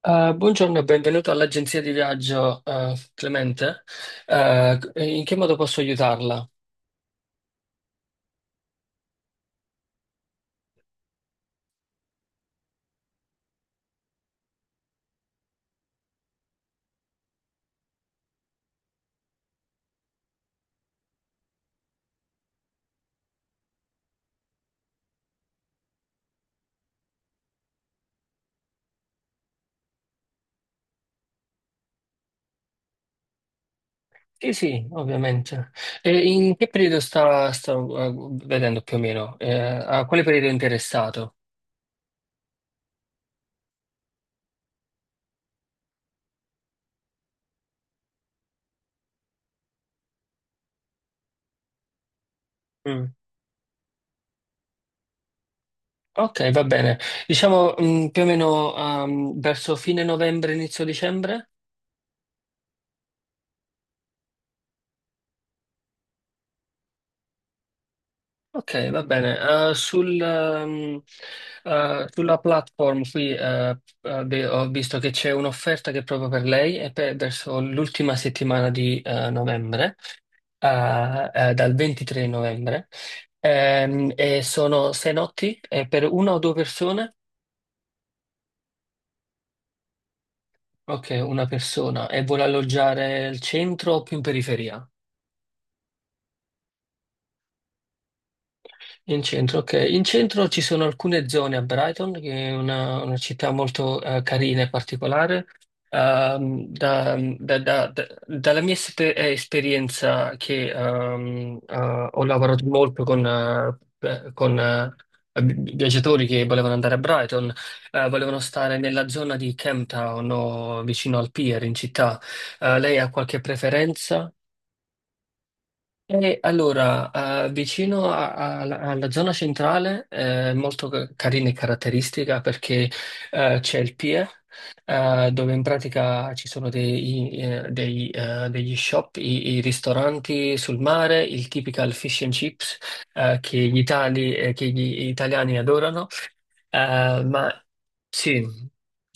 Buongiorno e benvenuto all'agenzia di viaggio, Clemente. In che modo posso aiutarla? Sì, sì, ovviamente. E in che periodo sta vedendo più o meno? A quale periodo è interessato? Mm. Ok, va bene. Diciamo, più o meno, verso fine novembre, inizio dicembre? Ok, va bene. Eh, sul, ehm, Sulla platform qui beh, ho visto che c'è un'offerta che è proprio per lei e per verso l'ultima settimana di novembre, dal 23 novembre. E sono sei notti per una o due persone? Ok, una persona. E vuole alloggiare al centro o più in periferia? In centro, ok. In centro ci sono alcune zone a Brighton, che è una città molto carina e particolare. Dalla mia esperienza, che ho lavorato molto con viaggiatori che volevano andare a Brighton, volevano stare nella zona di Camptown o vicino al pier in città. Lei ha qualche preferenza? Allora, vicino alla alla zona centrale è molto carina e caratteristica perché c'è il Pie, dove in pratica ci sono degli shop, i ristoranti sul mare, il typical fish and chips che gli italiani adorano. Eh, ma sì,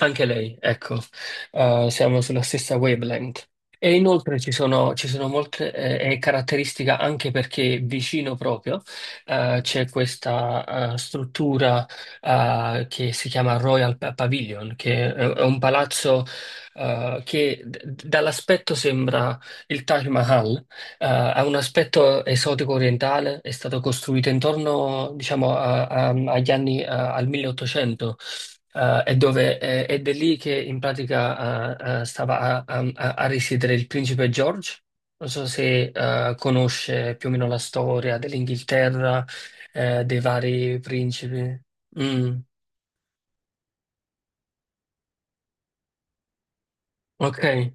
anche lei, ecco. Siamo sulla stessa wavelength. E inoltre ci sono molte caratteristiche, anche perché vicino proprio c'è questa struttura che si chiama Pavilion, che è un palazzo che dall'aspetto sembra il Taj Mahal. Ha un aspetto esotico orientale, è stato costruito intorno, diciamo, agli anni, al 1800, ed è lì che in pratica stava a risiedere il principe George. Non so se conosce più o meno la storia dell'Inghilterra, dei vari principi. Mm, ok.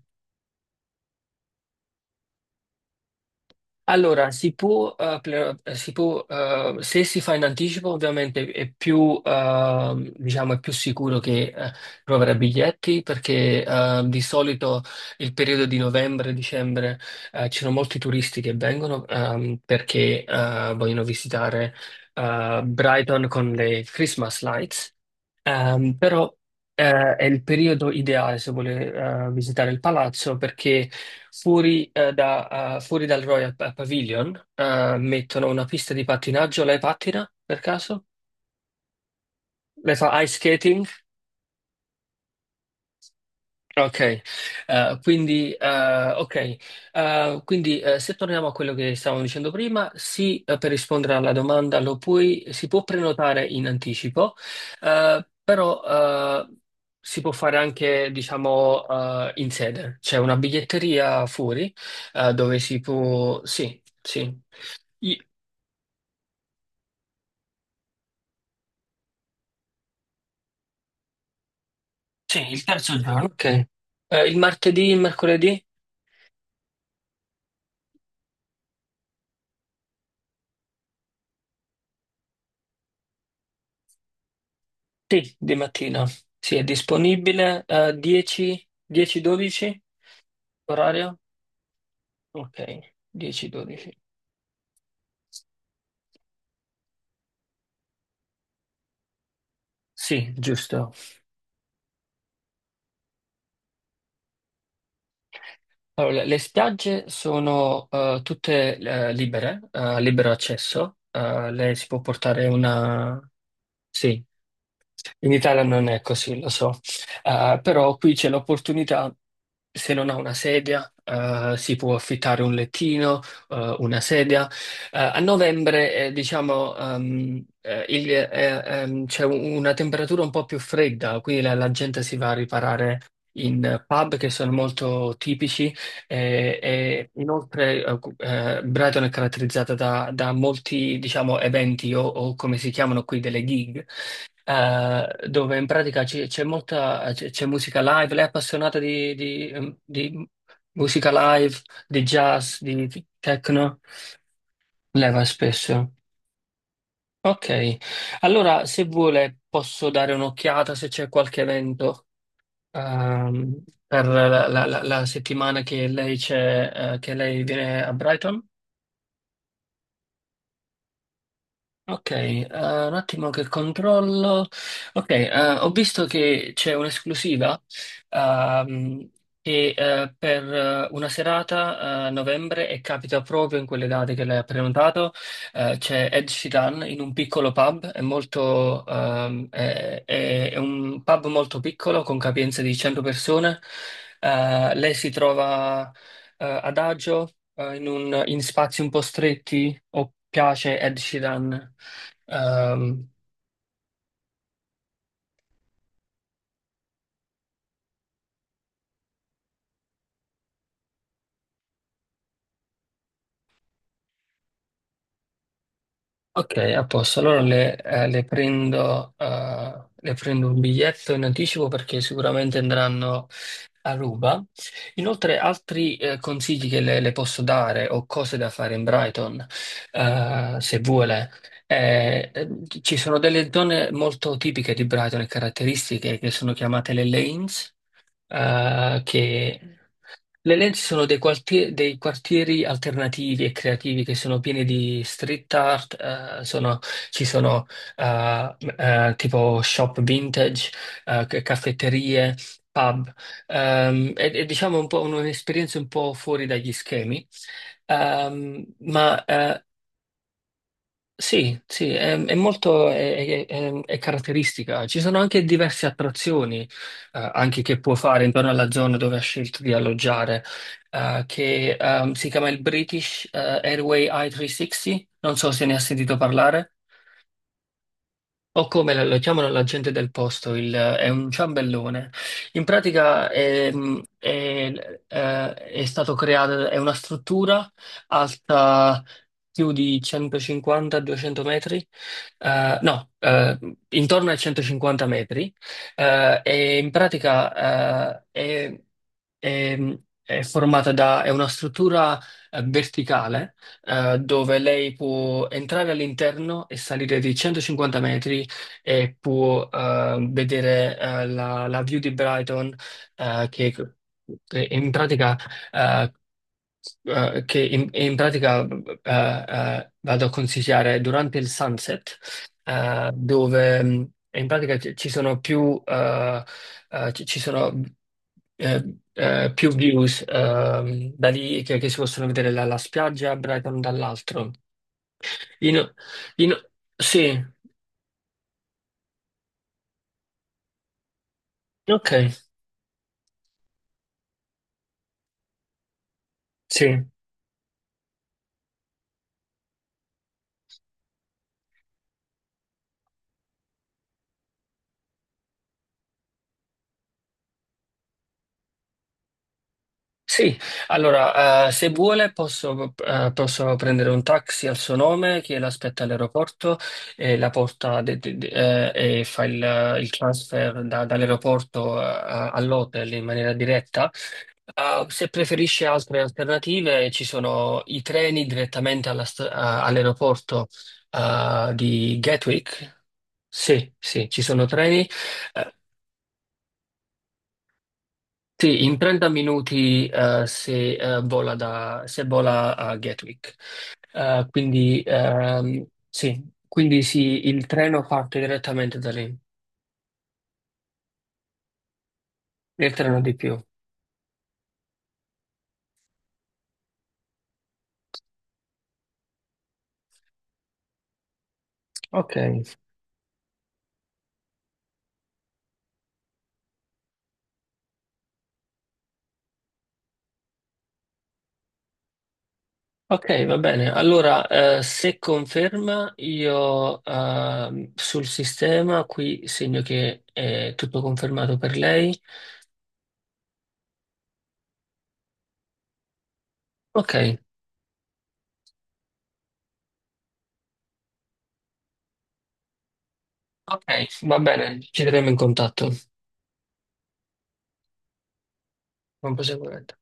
Allora, si può, si può, se si fa in anticipo, ovviamente è più, diciamo, è più sicuro che trovare biglietti, perché di solito il periodo di novembre, dicembre, ci sono molti turisti che vengono, perché vogliono visitare Brighton con le Christmas lights. Però è il periodo ideale se vuole visitare il palazzo, perché fuori, fuori dal Pavilion mettono una pista di pattinaggio. Lei pattina per caso? Lei fa ice skating? Ok, ok. Se torniamo a quello che stavamo dicendo prima, sì, per rispondere alla domanda lo puoi, si può prenotare in anticipo, però eh, si può fare anche, diciamo, in sede. C'è una biglietteria fuori, dove si può... Sì, sì. I- Sì, il terzo giorno, ok. Il martedì, il mercoledì? Sì, di mattina. Sì, è disponibile, 10, 10-12? Orario? Ok, 10-12. Sì, giusto. Allora, le spiagge sono tutte libere, libero accesso. Lei si può portare una... Sì. In Italia non è così, lo so. Però qui c'è l'opportunità, se non ha una sedia, si può affittare un lettino, una sedia. A novembre, diciamo, c'è una temperatura un po' più fredda, quindi la gente si va a riparare in pub che sono molto tipici, e inoltre Brighton è caratterizzata da, da molti, diciamo, eventi o come si chiamano qui, delle gig, dove in pratica c'è molta c'è musica live. Lei è appassionata di musica live, di jazz, di techno. Lei va spesso. Ok, allora se vuole posso dare un'occhiata se c'è qualche evento, per la settimana che lei c'è, che lei viene a Brighton. Ok, un attimo che controllo. Ok, ho visto che c'è un'esclusiva, ehm, che per una serata a novembre, e capita proprio in quelle date che lei ha prenotato. C'è Ed Sheeran in un piccolo pub, è molto, è un pub molto piccolo, con capienza di 100 persone. Lei si trova ad agio in spazi un po' stretti? O piace Ed Sheeran? Ehm, ok, a posto. Allora le prendo un biglietto in anticipo, perché sicuramente andranno a ruba. Inoltre, altri consigli che le posso dare, o cose da fare in Brighton, se vuole. Eh, eh, Ci sono delle zone molto tipiche di Brighton e caratteristiche che sono chiamate le lanes, che le Lenzi sono dei, dei quartieri alternativi e creativi che sono pieni di street art, eh, sono- ci sono tipo shop vintage, caffetterie, pub. È, è, diciamo, un po' un'esperienza un po' fuori dagli schemi. Ehm, ma eh, sì, sì, è molto è caratteristica. Ci sono anche diverse attrazioni, anche, che può fare intorno alla zona dove ha scelto di alloggiare, che si chiama il British Airway I-360. Non so se ne ha sentito parlare. O come lo chiamano la gente del posto, è un ciambellone. In pratica è, è stato creato, è una struttura alta più di 150-200 metri, no, intorno ai 150 metri, e in pratica è- è formata da, è una struttura verticale, dove lei può entrare all'interno e salire di 150 metri e può vedere la, la view di Brighton, eh, che, che in pratica, eh, che in, in pratica eh, vado a consigliare durante il sunset, dove in pratica ci sono più, ci sono più views, da lì, che si possono vedere la spiaggia a Brighton dall'altro. In, in- sì, ok, sì. Sì, allora, se vuole posso, posso prendere un taxi al suo nome che l'aspetta all'aeroporto e la porta e fa il transfer dall'aeroporto all'hotel in maniera diretta. Se preferisce altre alternative, ci sono i treni direttamente alla all'aeroporto di Gatwick. Sì, sì, ci sono treni. Eh, Sì, in 30 minuti se vola a Gatwick. Il treno parte direttamente da lì, il treno di più. Ok, ok, va bene. Allora, se conferma, io sul sistema qui segno che è tutto confermato per lei. Ok, ok, va bene, ci terremo in contatto con più sicurezza.